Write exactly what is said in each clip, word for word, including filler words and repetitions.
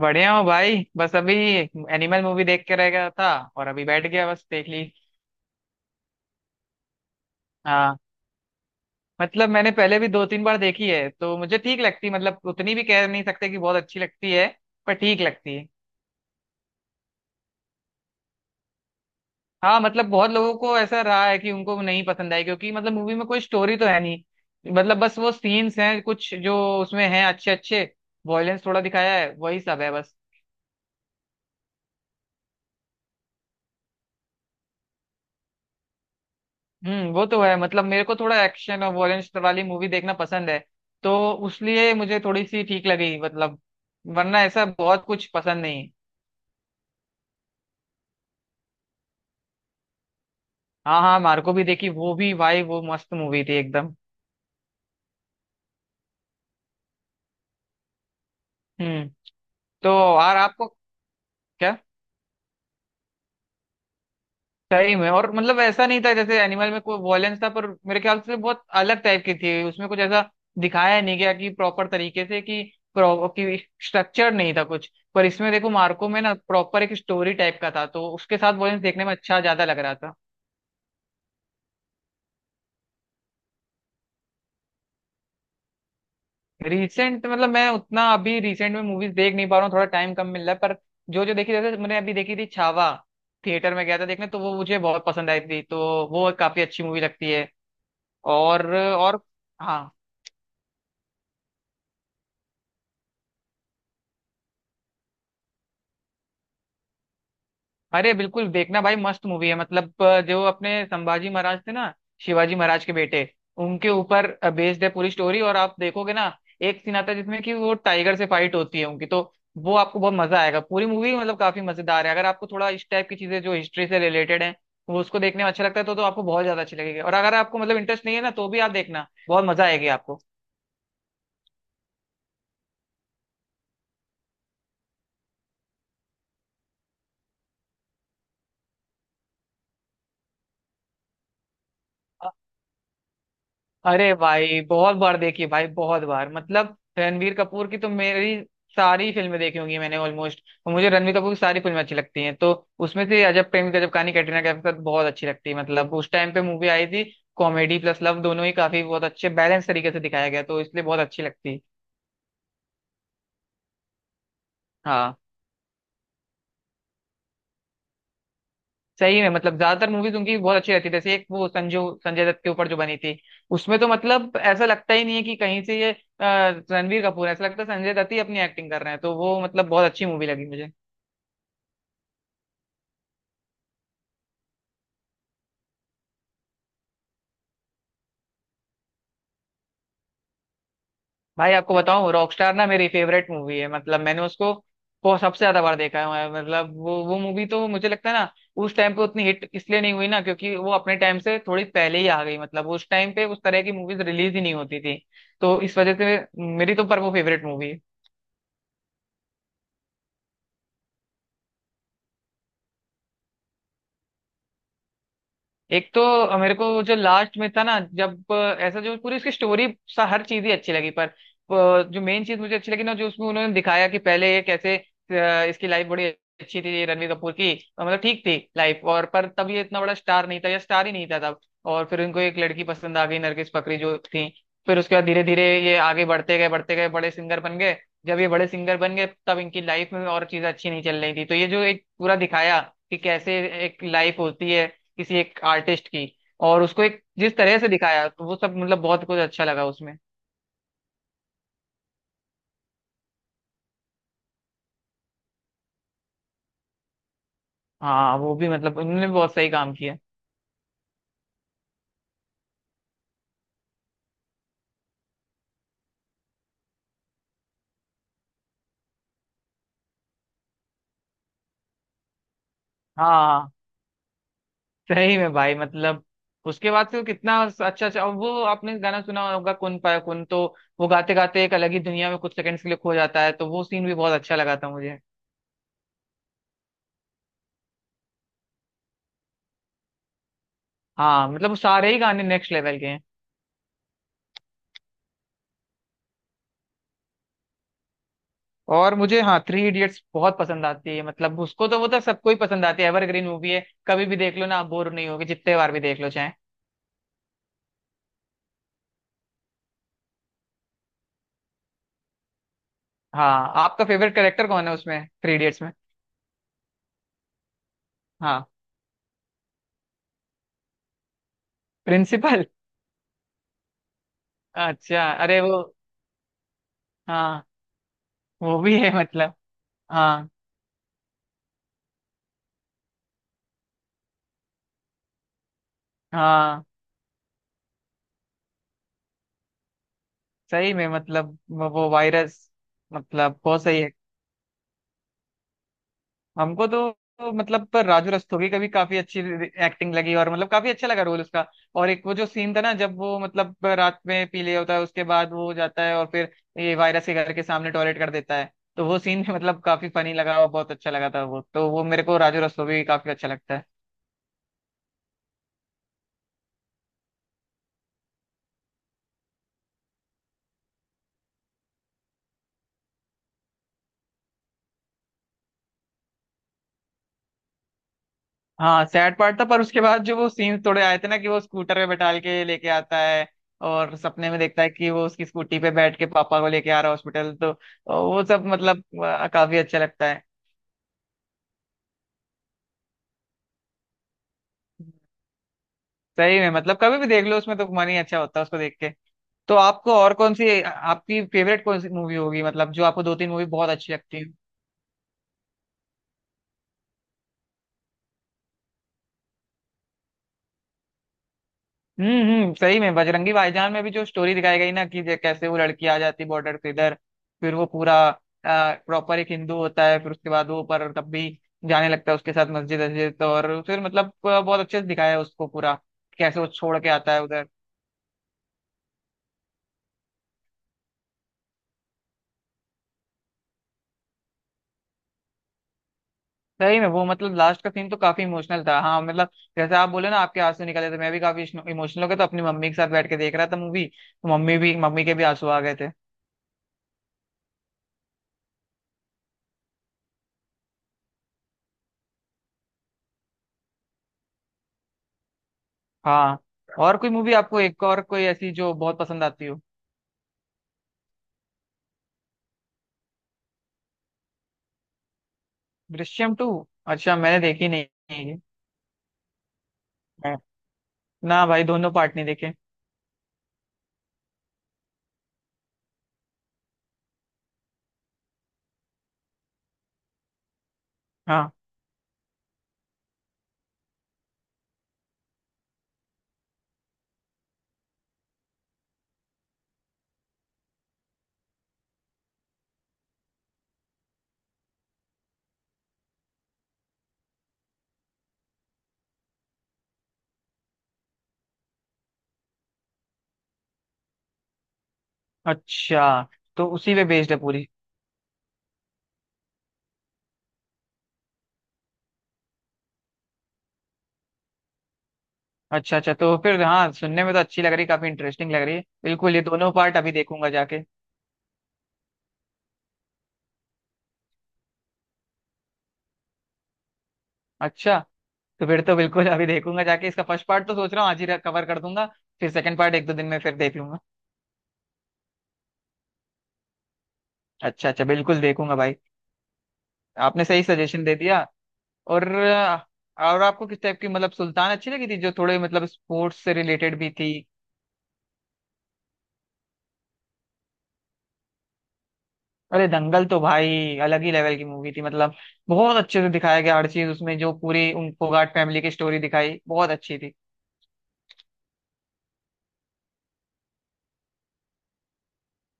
बढ़िया हो भाई, बस अभी एनिमल मूवी देख के रह गया था और अभी बैठ गया, बस देख ली। हाँ, मतलब मैंने पहले भी दो तीन बार देखी है तो मुझे ठीक लगती, मतलब उतनी भी कह नहीं सकते कि बहुत अच्छी लगती है, पर ठीक लगती है। हाँ, मतलब बहुत लोगों को ऐसा रहा है कि उनको नहीं पसंद आई, क्योंकि मतलब मूवी में कोई स्टोरी तो है नहीं। मतलब बस वो सीन्स हैं कुछ जो उसमें हैं अच्छे अच्छे, वॉयलेंस थोड़ा दिखाया है, वही सब है बस। हम्म, वो तो है। मतलब मेरे को थोड़ा एक्शन और वॉयलेंस वाली मूवी देखना पसंद है तो उसलिए मुझे थोड़ी सी ठीक लगी, मतलब वरना ऐसा बहुत कुछ पसंद नहीं। हाँ हाँ, मार्को भी देखी, वो भी भाई, वो मस्त मूवी थी एकदम। हम्म। तो और आपको? क्या? सही में, और मतलब ऐसा नहीं था जैसे एनिमल में कोई वॉयलेंस था, पर मेरे ख्याल से बहुत अलग टाइप की थी। उसमें कुछ ऐसा दिखाया नहीं गया कि प्रॉपर तरीके से, कि pro- कि स्ट्रक्चर नहीं था कुछ। पर इसमें देखो, मार्को में ना प्रॉपर एक स्टोरी टाइप का था तो उसके साथ वॉयलेंस देखने में अच्छा ज्यादा लग रहा था। रिसेंट मतलब मैं उतना अभी रिसेंट में मूवीज देख नहीं पा रहा हूँ, थोड़ा टाइम कम मिल रहा है, पर जो जो देखी, जैसे मैंने अभी देखी थी छावा, थिएटर में गया था देखने, तो वो मुझे बहुत पसंद आई थी, तो वो काफी अच्छी मूवी लगती है। और और हाँ, अरे बिल्कुल देखना भाई, मस्त मूवी है। मतलब अ, जो अपने संभाजी महाराज थे ना, शिवाजी महाराज के बेटे, उनके ऊपर बेस्ड है पूरी स्टोरी। और आप देखोगे ना, एक सीन आता है जिसमें कि वो टाइगर से फाइट होती है उनकी, तो वो आपको बहुत मजा आएगा। पूरी मूवी मतलब काफी मजेदार है। अगर आपको थोड़ा इस टाइप की चीजें जो हिस्ट्री से रिलेटेड है वो उसको देखने में अच्छा लगता है, तो, तो आपको बहुत ज्यादा अच्छी लगेगी। और अगर आपको मतलब इंटरेस्ट नहीं है ना, तो भी आप देखना, बहुत मजा आएगी आपको। अरे भाई बहुत बार देखी भाई बहुत बार। मतलब रणवीर कपूर की तो मेरी सारी फिल्में देखी होंगी मैंने ऑलमोस्ट। मुझे रणवीर कपूर की सारी फिल्में अच्छी लगती हैं, तो उसमें से अजब प्रेम गजब कहानी कैटरीना कैफ के साथ बहुत अच्छी लगती है। मतलब उस टाइम पे मूवी आई थी, कॉमेडी प्लस लव दोनों ही काफी बहुत अच्छे बैलेंस तरीके से दिखाया गया, तो इसलिए बहुत अच्छी लगती है। हाँ, सही है। मतलब ज्यादातर मूवीज उनकी बहुत अच्छी रहती है, जैसे एक वो संजू, संजय दत्त के ऊपर जो बनी थी, उसमें तो मतलब ऐसा लगता ही नहीं है कि कहीं से ये अ, रणवीर कपूर है। ऐसा लगता है संजय दत्त ही अपनी एक्टिंग कर रहे हैं, तो वो मतलब बहुत अच्छी मूवी लगी मुझे। भाई आपको बताऊं, रॉकस्टार ना मेरी फेवरेट मूवी है। मतलब मैंने उसको बहुत सबसे ज्यादा बार देखा है। मतलब वो वो मूवी तो मुझे लगता है ना, उस टाइम पे उतनी हिट इसलिए नहीं हुई ना क्योंकि वो अपने टाइम से थोड़ी पहले ही आ गई। मतलब उस टाइम पे उस तरह की मूवीज रिलीज ही नहीं होती थी तो इस वजह से, मेरी तो पर वो फेवरेट मूवी है। एक तो मेरे को जो लास्ट में था ना, जब अ, ऐसा, जो पूरी उसकी स्टोरी सा हर चीज ही अच्छी लगी, पर अ, जो मेन चीज मुझे अच्छी लगी ना जो उसमें उन्होंने दिखाया कि पहले ये कैसे अ, इसकी लाइफ बड़ी अच्छी थी ये रणवीर कपूर की, अ, मतलब ठीक थी लाइफ, और पर तब ये इतना बड़ा स्टार नहीं था या स्टार ही नहीं था तब। और फिर उनको एक लड़की पसंद आ गई, नरगिस फाकरी जो थी। फिर उसके बाद धीरे धीरे ये आगे बढ़ते गए बढ़ते गए, बड़े सिंगर बन गए। जब ये बड़े सिंगर बन गए तब इनकी लाइफ में और चीजें अच्छी नहीं चल रही थी, तो ये जो एक पूरा दिखाया कि कैसे एक लाइफ होती है किसी एक आर्टिस्ट की, और उसको एक जिस तरह से दिखाया तो वो सब मतलब बहुत कुछ अच्छा लगा उसमें। हाँ वो भी मतलब उन्होंने भी बहुत सही काम किया। हाँ सही में भाई, मतलब उसके बाद से वो कितना अच्छा अच्छा, और वो आपने गाना सुना होगा कुन पाया कुन, तो वो गाते गाते एक अलग ही दुनिया में कुछ सेकंड्स के लिए खो जाता है, तो वो सीन भी बहुत अच्छा लगा था मुझे। हाँ मतलब वो सारे ही गाने नेक्स्ट लेवल के हैं। और मुझे, हाँ, थ्री इडियट्स बहुत पसंद आती है। मतलब उसको तो, वो तो सबको ही पसंद आती है, एवरग्रीन मूवी है, कभी भी देख लो ना, आप बोर नहीं होगे जितने बार भी देख लो चाहे। हाँ, आपका फेवरेट कैरेक्टर कौन है उसमें, थ्री इडियट्स में? हाँ, प्रिंसिपल। अच्छा, अरे वो, हाँ, वो भी है मतलब, हाँ। हाँ, सही में मतलब वो वो वायरस, मतलब बहुत सही है। हमको तो तो मतलब, पर राजू रस्तोगी का भी काफी अच्छी एक्टिंग लगी, और मतलब काफी अच्छा लगा रोल उसका। और एक वो जो सीन था ना जब वो मतलब रात में पी लिया होता है उसके बाद वो जाता है और फिर ये वायरस के घर के सामने टॉयलेट कर देता है, तो वो सीन भी मतलब काफी फनी लगा और बहुत अच्छा लगा था। वो तो, वो मेरे को राजू रस्तोगी काफी अच्छा लगता है। हाँ, सैड पार्ट था, पर उसके बाद जो वो सीन्स थोड़े आए थे ना, कि वो स्कूटर पे बैठाल के लेके आता है, और सपने में देखता है कि वो उसकी स्कूटी पे बैठ के पापा को लेके आ रहा है हॉस्पिटल, तो वो सब मतलब अ, काफी अच्छा लगता है। सही में मतलब कभी भी देख लो, उसमें तो मन ही अच्छा होता है उसको देख के। तो आपको और कौन सी, आपकी फेवरेट कौन सी मूवी होगी, मतलब जो आपको दो तीन मूवी बहुत अच्छी लगती है? हम्म हम्म, सही में बजरंगी भाईजान में भी जो स्टोरी दिखाई गई ना कि जे- कैसे वो लड़की आ जाती बॉर्डर से इधर, फिर वो पूरा प्रॉपर एक हिंदू होता है, फिर उसके बाद वो, पर तब भी जाने लगता है उसके साथ मस्जिद वस्जिद, और फिर मतलब अ, बहुत अच्छे से दिखाया है उसको पूरा कैसे वो छोड़ के आता है उधर। सही में वो मतलब लास्ट का सीन तो काफी इमोशनल था। हाँ मतलब जैसे आप बोले ना आपके आंसू निकले थे, मैं भी काफी इमोशनल हो गया, तो अपनी मम्मी के साथ बैठ के देख रहा था मूवी, तो मम्मी भी मम्मी के भी आंसू आ गए थे। हाँ, और कोई मूवी आपको, एक और कोई ऐसी जो बहुत पसंद आती हो? दृश्यम टू, अच्छा मैंने देखी नहीं है ये। हाँ, ना भाई दोनों पार्ट नहीं देखे। हाँ। अच्छा, तो उसी पे बेस्ड है पूरी। अच्छा अच्छा, तो फिर हाँ, सुनने में तो अच्छी लग रही, काफी इंटरेस्टिंग लग रही है, बिल्कुल ये दोनों पार्ट अभी देखूंगा जाके। अच्छा, तो फिर तो बिल्कुल अभी देखूंगा जाके इसका फर्स्ट पार्ट, तो सोच रहा हूँ आज ही कवर कर दूंगा, फिर सेकंड पार्ट एक दो दिन में फिर देख लूंगा। अच्छा अच्छा, बिल्कुल देखूंगा भाई, आपने सही सजेशन दे दिया। और और आपको किस टाइप की, मतलब सुल्तान अच्छी लगी थी जो थोड़े मतलब स्पोर्ट्स से रिलेटेड भी थी? अरे दंगल तो भाई अलग ही लेवल की मूवी थी, मतलब बहुत अच्छे से दिखाया गया हर चीज उसमें, जो पूरी उन फोगाट फैमिली की स्टोरी दिखाई बहुत अच्छी थी।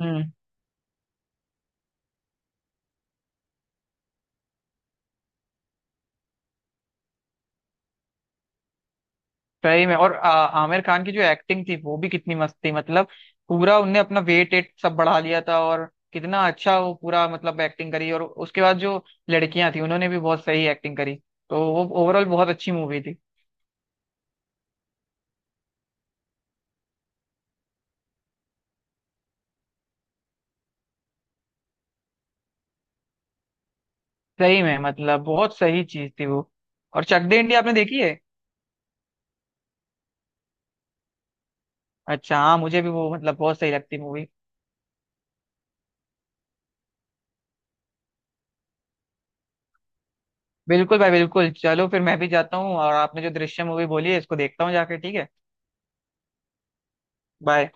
हम्म, सही में, और आ, आमिर खान की जो एक्टिंग थी वो भी कितनी मस्त थी, मतलब पूरा उनने अपना वेट एट सब बढ़ा लिया था, और कितना अच्छा वो पूरा मतलब एक्टिंग करी, और उसके बाद जो लड़कियां थी उन्होंने भी बहुत सही एक्टिंग करी, तो वो ओवरऑल बहुत अच्छी मूवी थी। सही में, मतलब बहुत सही चीज थी वो। और चक दे इंडिया आपने देखी है? अच्छा, हाँ मुझे भी वो मतलब बहुत सही लगती मूवी। बिल्कुल भाई बिल्कुल, चलो फिर मैं भी जाता हूँ, और आपने जो दृश्य मूवी बोली है इसको देखता हूँ जाके, ठीक है। बाय।